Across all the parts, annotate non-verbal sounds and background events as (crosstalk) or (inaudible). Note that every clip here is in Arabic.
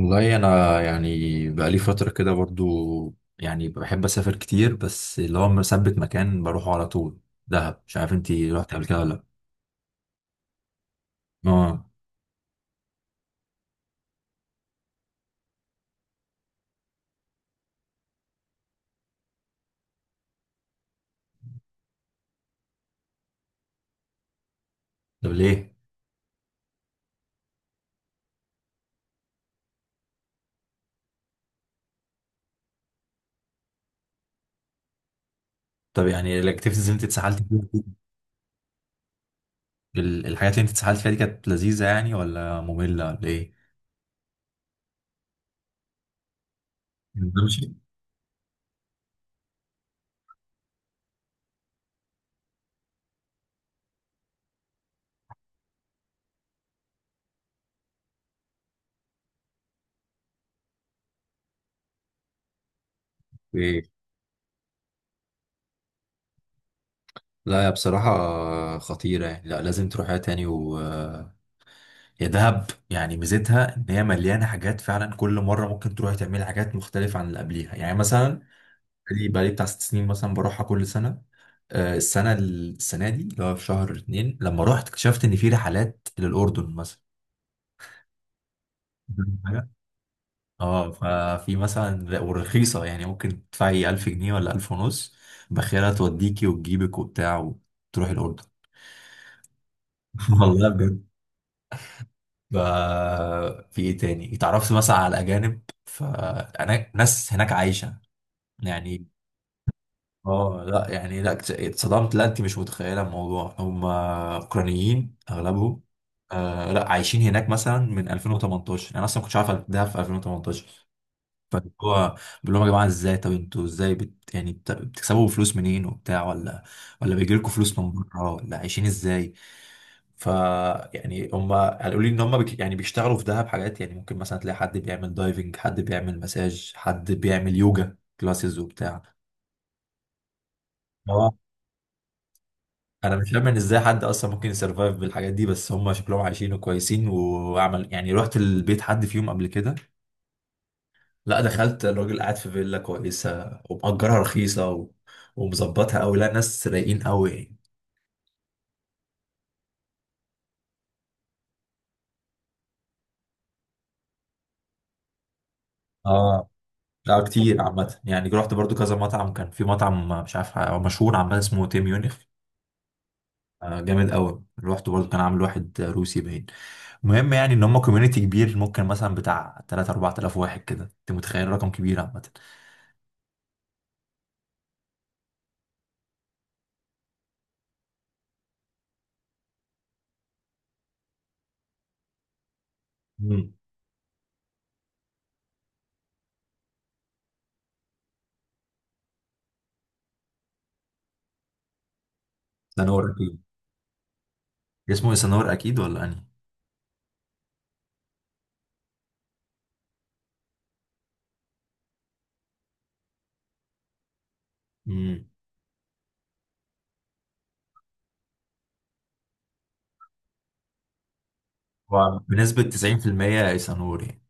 والله انا يعني بقالي فتره كده برضو. يعني بحب اسافر كتير، بس اللي هو مثبت مكان بروحه على طول. دهب، مش عارف انتي رحت قبل كده ولا لا؟ اه. طب ليه؟ طب يعني الاكتيفيتيز اللي انت اتسحلت فيها دي، الحاجات اللي انت اتسحلت فيها دي كانت لذيذه يعني ولا ممله ولا ايه؟ بمشي. ايه. لا، يا بصراحه خطيره يعني، لا لازم تروحها تاني و يا دهب. يعني ميزتها ان هي مليانه حاجات فعلا، كل مره ممكن تروحي تعملي حاجات مختلفه عن اللي قبليها. يعني مثلا بقالي بتاع ست سنين مثلا بروحها كل سنة. آه، السنة دي اللي هو في شهر اتنين لما رحت اكتشفت إن في رحلات للأردن مثلا. (laughs) فاهم حاجة؟ اه، ففي مثلا ورخيصة، يعني ممكن تدفعي 1000 جنيه ولا 1000 ونص، باخرة توديكي وتجيبك وبتاع وتروحي الأردن. (laughs) والله بجد. ف- في ايه تاني، اتعرفت مثلا على الأجانب، فأنا ناس هناك عايشة يعني. اه لا يعني، لا اتصدمت، لا انت مش متخيله الموضوع، هم اوكرانيين اغلبهم. آه، لا عايشين هناك مثلا من 2018، انا اصلا ما كنتش عارف ده في 2018. فاللي هو بقول لهم يا جماعه ازاي، طب انتوا ازاي بتكسبوا فلوس منين وبتاع، ولا ولا بيجي لكم فلوس من بره، ولا عايشين ازاي؟ ف يعني هم قالوا لي ان هم بك يعني بيشتغلوا في دهب حاجات، يعني ممكن مثلا تلاقي حد بيعمل دايفنج، حد بيعمل مساج، حد بيعمل يوجا كلاسز وبتاع. انا مش فاهم ان ازاي حد اصلا ممكن يسرفايف بالحاجات دي، بس هم شكلهم عايشين وكويسين. وعمل يعني، رحت البيت حد فيهم قبل كده، لا دخلت الراجل قاعد في فيلا كويسه ومأجرها رخيصه و... ومظبطها قوي. لا ناس رايقين قوي يعني. اه لا كتير عامه. يعني رحت برضو كذا مطعم، كان في مطعم مش عارف هو مشهور عامه، اسمه تيم يونيخ. آه جامد قوي. رحت برضو كان عامل واحد روسي باين. المهم يعني ان هم كوميونيتي كبير، ممكن مثلا بتاع 3 4000 واحد كده، انت متخيل رقم كبير عامه. مم. سنور اكيد. اسمه سنور اكيد ولا انهي؟ امم. هو بنسبة 90% ايسانور يعني،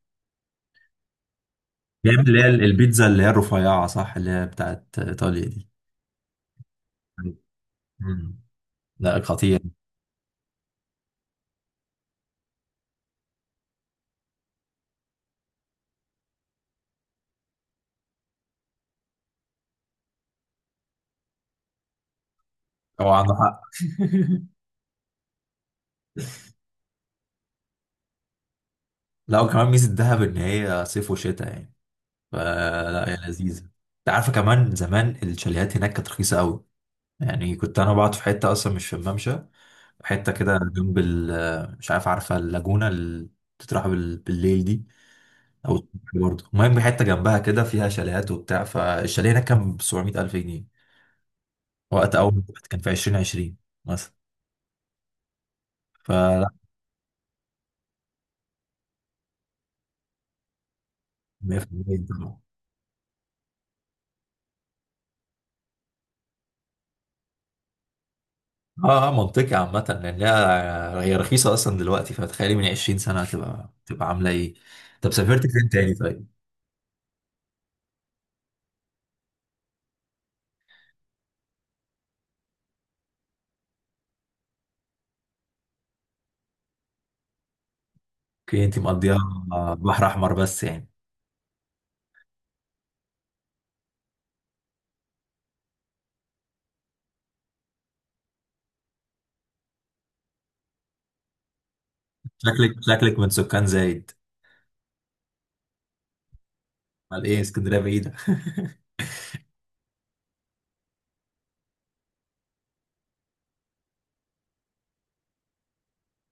بيعمل اللي هي البيتزا اللي هي الرفيعة، صح؟ اللي هي بتاعت ايطاليا دي. امم. لا خطير. هو عنده حق. (laughs) لا وكمان ميزة دهب ان هي صيف وشتاء يعني، فلا هي لذيذة. انت عارفة كمان زمان الشاليهات هناك كانت رخيصة قوي. يعني كنت انا بقعد في حتة اصلا مش في الممشى، حتة كده جنب ال، مش عارف، عارفة اللاجونة اللي بتتراح بالليل دي او الصبح برضه؟ المهم حته جنبها كده فيها شاليهات وبتاع، فالشاليه هناك كان ب 700 الف جنيه وقت اول ما رحت، كان في 2020 مثلا. فلا 100%. طبعا. اه، آه، منطقي عامة لان هي هي رخيصة اصلا دلوقتي، فتخيلي من 20 سنة تبقى عاملة ايه. طب سافرت فين تاني طيب؟ اوكي انت مقضيها. آه، بحر احمر بس يعني. شكلك من سكان زايد. امال ايه، اسكندرية بعيدة؟ (laughs)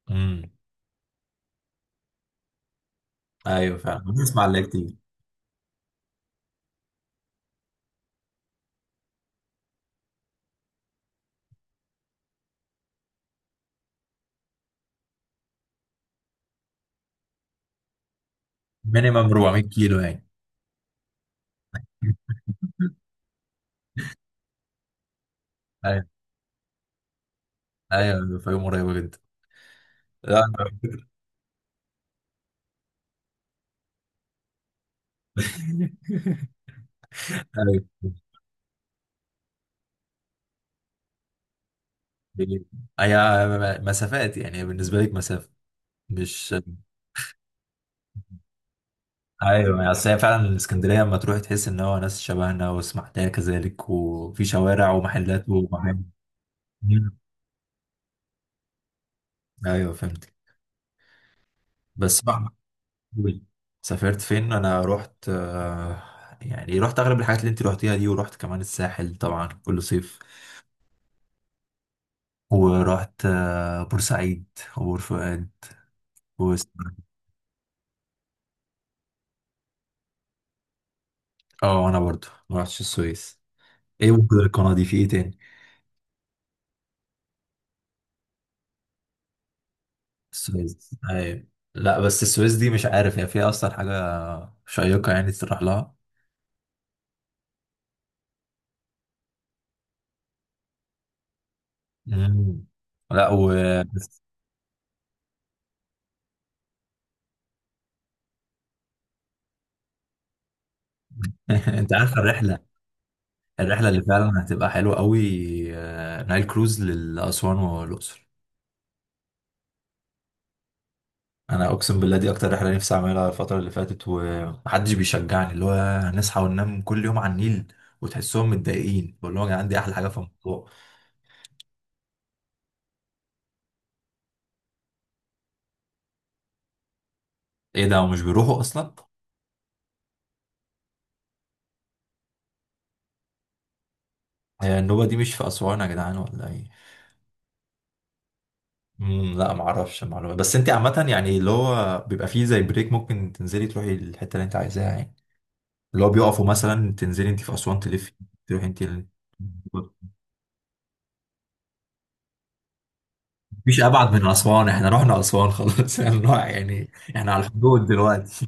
امم. ايوه فعلا بنسمع اللي كتير. مينيمم 400 كيلو يعني. ايوه، ايوه، فيوم قريبة جدا. لا. (laughs) أيوة. هي مسافات يعني، بالنسبة لك مسافة مش، ايوه. يعني اصل هي فعلا الاسكندريه لما تروح تحس ان هو ناس شبهنا، واسماعيليه كذلك، وفي شوارع ومحلات ومحل. مم. ايوه فهمت. بس بقى، سافرت فين انا؟ رحت آه، يعني رحت اغلب الحاجات اللي انت رحتيها دي، ورحت كمان الساحل طبعا كل صيف. ورحت آه، بورسعيد وبور فؤاد و اه انا برضو ما رحتش السويس. ايه ممكن القناه دي في ايه تاني؟ السويس ايوه. لا بس السويس دي مش عارف هي فيها اصلا حاجه شيقه يعني تروح لها. مم. لا و بس. (laughs) انت عارف الرحله، الرحله اللي فعلا هتبقى حلوه قوي، آه، نايل كروز لاسوان والاقصر. انا اقسم بالله دي اكتر رحله نفسي اعملها الفتره اللي فاتت، ومحدش بيشجعني. اللي هو هنصحى وننام كل يوم على النيل، وتحسهم متضايقين. بقول لهم يا جدعان دي احلى حاجه في الموضوع. ايه ده ومش بيروحوا اصلا؟ هي النوبه دي مش في اسوان يا جدعان ولا ايه؟ امم. لا ما اعرفش المعلومه، بس انت عامه يعني اللي هو بيبقى فيه زي بريك، ممكن تنزلي تروحي الحته اللي انت عايزاها يعني. اللي هو بيقفوا مثلا، تنزلي انت في اسوان، تلفي تروحي انت ال... (laughs) مفيش ابعد من اسوان، احنا رحنا اسوان خلاص. (laughs) يعني يعني احنا على الحدود دلوقتي.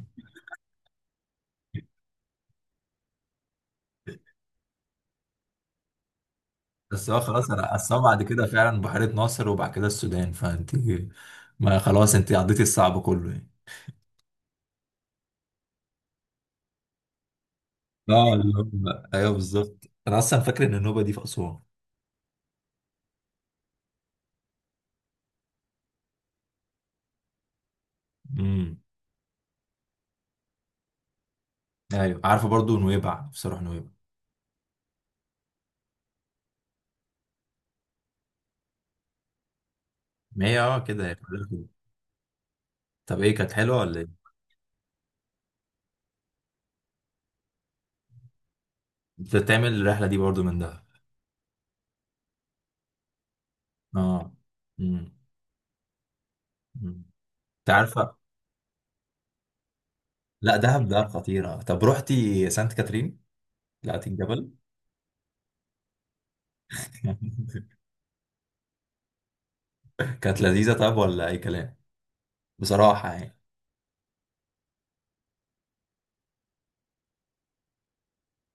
بس هو خلاص، انا اسوان بعد كده فعلا بحيره ناصر، وبعد كده السودان، فانت ما خلاص انت عديتي الصعب كله يعني. اه ايوه بالظبط، انا اصلا فاكر ان النوبه دي في اسوان. امم. ايوه عارفه، برضو نويبع نفسي اروح نويبع. ما هي اه كده هي كلها كده. طب ايه، كانت حلوه ولا ايه؟ انت تعمل الرحله دي برضو من دهب. اه. امم. أمم. انت عارفه لا، دهب دهب خطيره. طب روحتي سانت كاترين، طلعتي الجبل؟ (laughs) كانت لذيذه طب ولا اي كلام، بصراحه يعني؟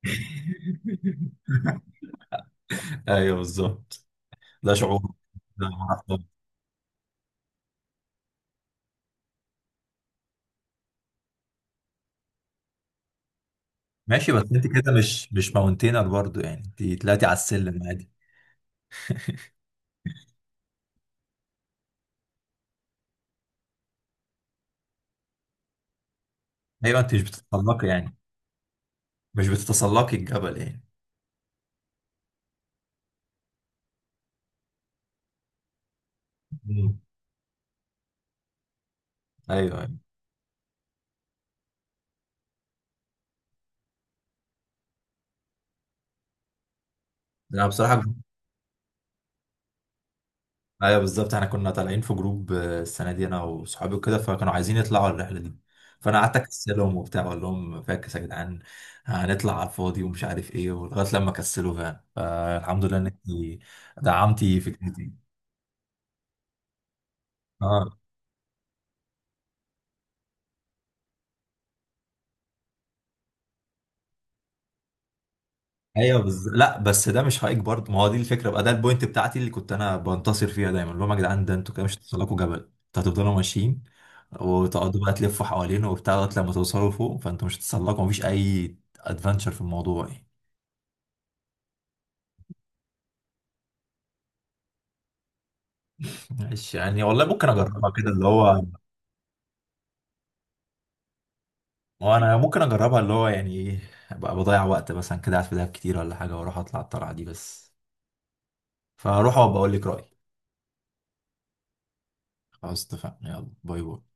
(laughs) ايوه بالظبط، ده شعور. لا، ما أعرفش. ماشي، بس انت كده مش ماونتينر برضو يعني، انت طلعتي على السلم عادي. ايوه انت مش بتتسلقي يعني، مش بتتسلقي الجبل يعني. أمم. ايوه ايوه. انا بصراحه، ايوه بالظبط. احنا كنا طالعين في جروب آه، السنه دي انا وصحابي وكده، فكانوا عايزين يطلعوا الرحله دي، فانا قعدت اكسلهم وبتاع، اقول لهم فاكس يا جدعان، هنطلع على الفاضي ومش عارف ايه. ولغايه لما كسلوا فعلا، فالحمد لله انك دعمتي فكرتي. اه ايوه لا بس ده مش هايك برضه. ما هو دي الفكره بقى، ده البوينت بتاعتي اللي كنت انا بنتصر فيها دايما، اللي هم يا جدعان ده انتوا كده مش هتوصلكوا جبل، انتوا هتفضلوا ماشيين وتقعدوا بقى تلفوا حوالينه وبتاع لغايه لما توصلوا فوق، فانتوا مش هتتسلقوا، مفيش اي ادفنتشر في الموضوع يعني. ماشي يعني والله ممكن اجربها كده اللي هو، وانا ممكن اجربها اللي هو يعني ايه، ابقى بضيع وقت مثلا كده قاعد في دهب كتير ولا حاجه، واروح اطلع الطلعه دي بس، فاروح وابقى اقول لك رايي. خلاص اتفقنا، يلا باي باي.